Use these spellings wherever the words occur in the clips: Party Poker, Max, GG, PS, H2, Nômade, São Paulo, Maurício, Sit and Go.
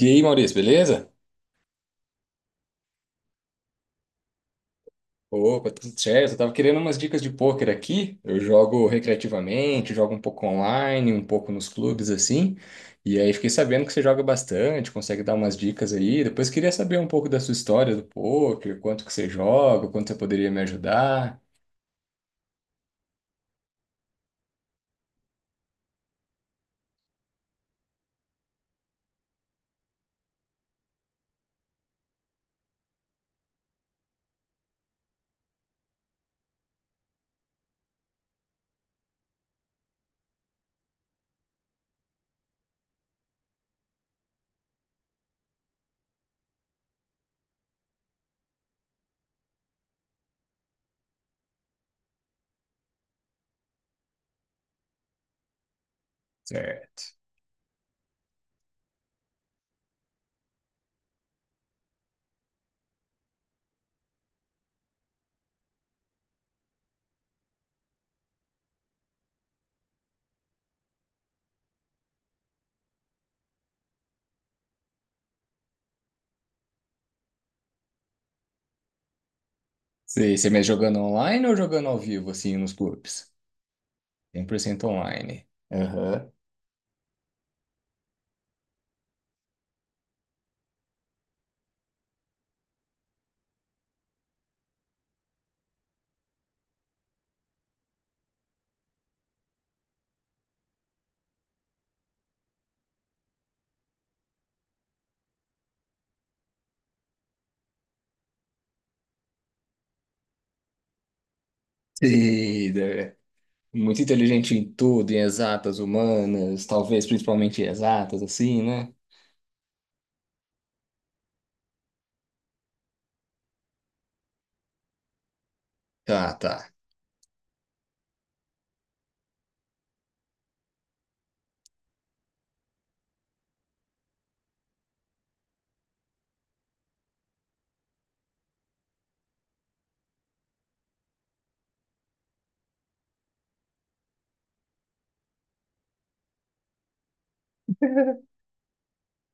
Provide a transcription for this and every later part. E aí, Maurício, beleza? Opa, tudo certo. Eu tava querendo umas dicas de pôquer aqui. Eu jogo recreativamente, jogo um pouco online, um pouco nos clubes assim. E aí fiquei sabendo que você joga bastante, consegue dar umas dicas aí. Depois queria saber um pouco da sua história do pôquer, quanto que você joga, quanto você poderia me ajudar. Certo. Você me jogando online ou jogando ao vivo assim nos clubes? 100% online. Aham. Sim, né? Muito inteligente em tudo, em exatas, humanas, talvez principalmente em exatas, assim, né? Tá, tá.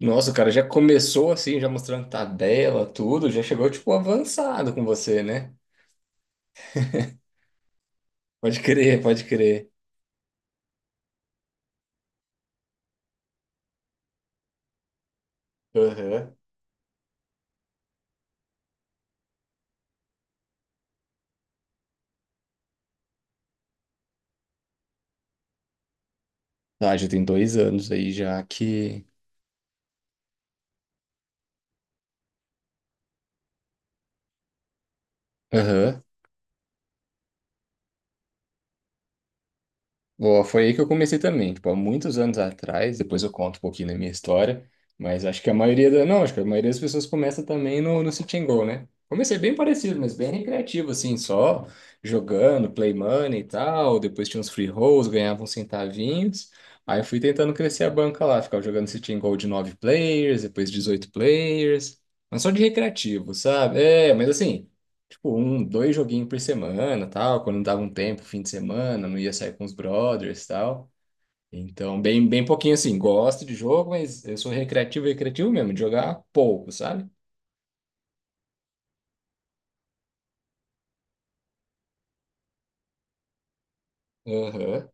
Nossa, o cara já começou assim, já mostrando tabela, tudo, já chegou, tipo, avançado com você, né? Pode crer, pode crer. Aham. Ah, já tem dois anos aí já que. Aham. Boa, foi aí que eu comecei também, tipo, há muitos anos atrás, depois eu conto um pouquinho da minha história, mas acho que a maioria da, não, acho que a maioria das pessoas começa também no Sit and Go, né? Comecei bem parecido, mas bem recreativo, assim, só jogando, play money e tal, depois tinha uns free rolls, ganhava uns centavinhos, aí eu fui tentando crescer a banca lá, ficava jogando Sit and Go de 9 players, depois 18 players, mas só de recreativo, sabe? É, mas assim tipo, um, dois joguinhos por semana, tal, quando dava um tempo, fim de semana, não ia sair com os brothers, tal. Então, bem, bem pouquinho assim, gosto de jogo, mas eu sou recreativo, recreativo mesmo, de jogar pouco, sabe? Aham,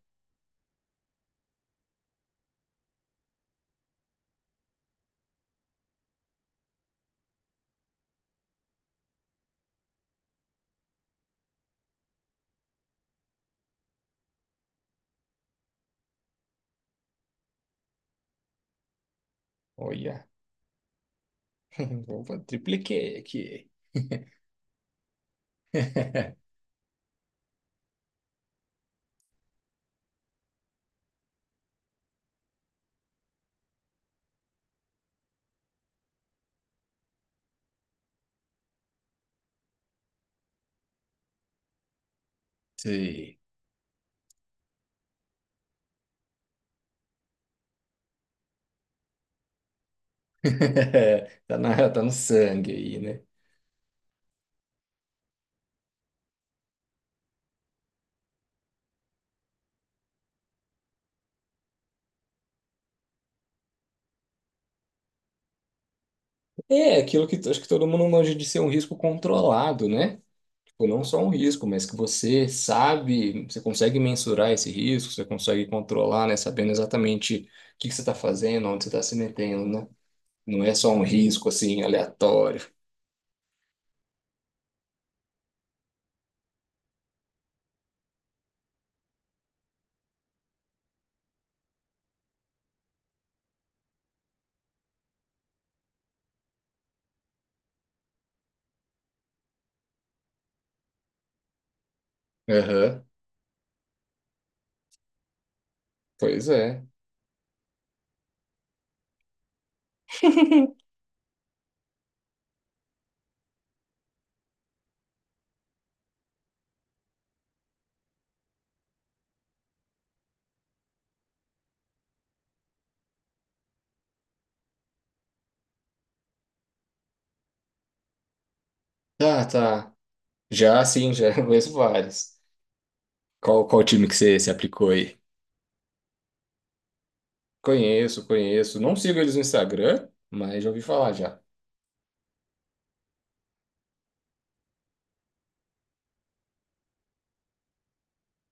Olha, Opa, tripliquei aqui. Sim. Tá no sangue aí, né? É, aquilo que acho que todo mundo manja de ser um risco controlado, né? Tipo, não só um risco, mas que você sabe, você consegue mensurar esse risco, você consegue controlar, né? Sabendo exatamente o que que você está fazendo, onde você está se metendo, né? Não é só um risco assim aleatório. Aham, Pois é. Tá, tá. Já sim, já conheço vários. Qual time que você se aplicou aí? Conheço, conheço. Não sigo eles no Instagram, mas já ouvi falar já.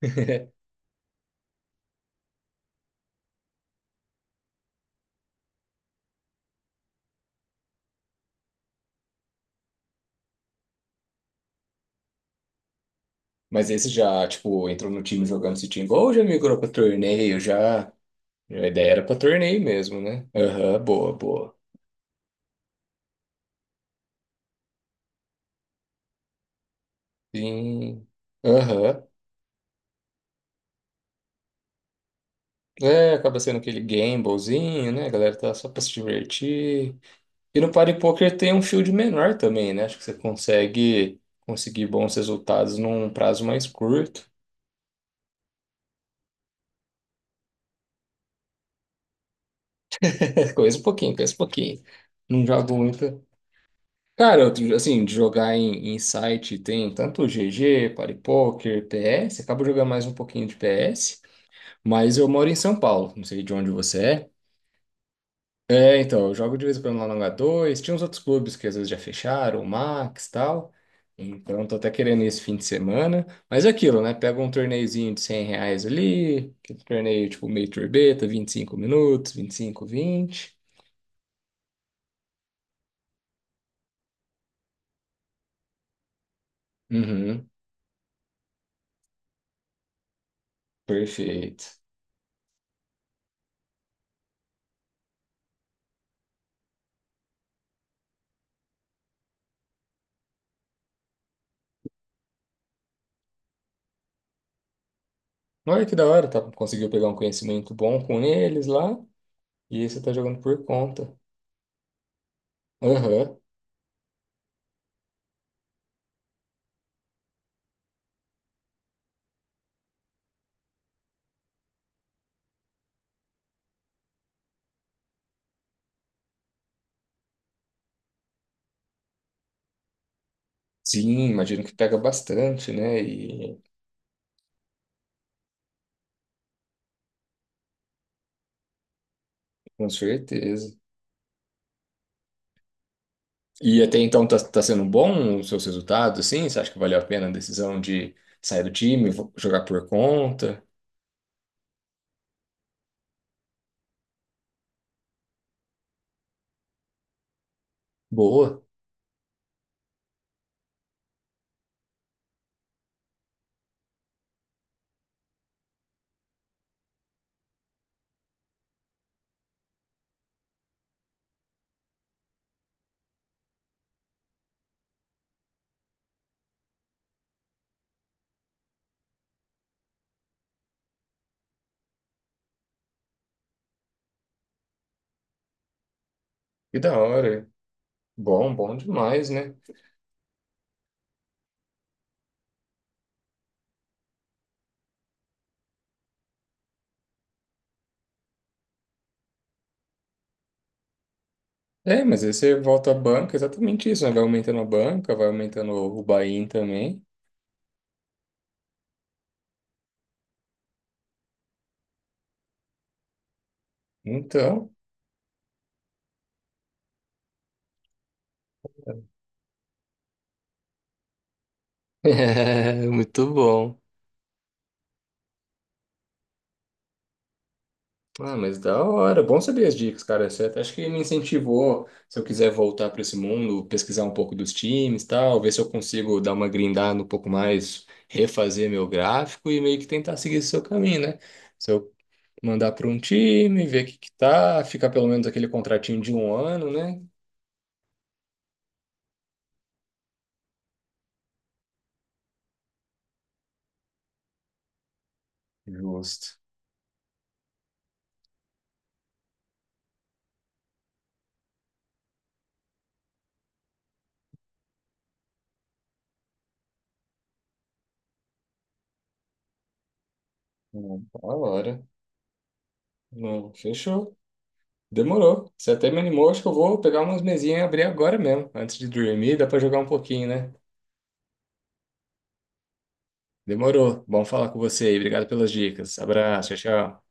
Mas esse já, tipo, entrou no time jogando esse time, ou já migrou para torneio, já. A ideia era pra torneio mesmo, né? Aham, boa, boa. Sim. Aham. É, acaba sendo aquele gamblezinho, né? A galera tá só pra se divertir. E no Party Poker tem um field menor também, né? Acho que você consegue conseguir bons resultados num prazo mais curto. Conheço um pouquinho, conheço um pouquinho. Não jogo muito. Cara, eu, assim, de jogar em, em site tem tanto GG, Party Poker, PS. Acabo jogando mais um pouquinho de PS. Mas eu moro em São Paulo. Não sei de onde você é. É, então, eu jogo de vez em quando lá no H2. Tinha uns outros clubes que às vezes já fecharam, o Max e tal. Então, tô até querendo ir esse fim de semana. Mas é aquilo, né? Pega um torneiozinho de 100 reais ali, aquele torneio tipo meio turbeta, 25 minutos, 25, 20. Uhum, perfeito. Olha que da hora, tá? Conseguiu pegar um conhecimento bom com eles lá. E aí você tá jogando por conta. Aham. Sim, imagino que pega bastante, né? E com certeza. E até então tá sendo bom os seus resultados, assim? Você acha que valeu a pena a decisão de sair do time, jogar por conta? Boa, que da hora. Bom, bom demais, né? É, mas aí você volta à banca, exatamente isso, né? Vai aumentando a banca, vai aumentando o buy-in também. Então, É, muito bom. Ah, mas da hora. Bom saber as dicas, cara. Você até acho que me incentivou, se eu quiser voltar para esse mundo, pesquisar um pouco dos times, tal, ver se eu consigo dar uma grindada um pouco mais, refazer meu gráfico e meio que tentar seguir esse seu caminho, né? Se eu mandar para um time, ver o que que tá, ficar pelo menos aquele contratinho de um ano, né? Justo. Da hora. Não, fechou. Demorou. Você até me animou, acho que eu vou pegar umas mesinhas e abrir agora mesmo, antes de dormir, dá para jogar um pouquinho, né? Demorou. Bom falar com você aí. Obrigado pelas dicas. Abraço. Tchau, tchau.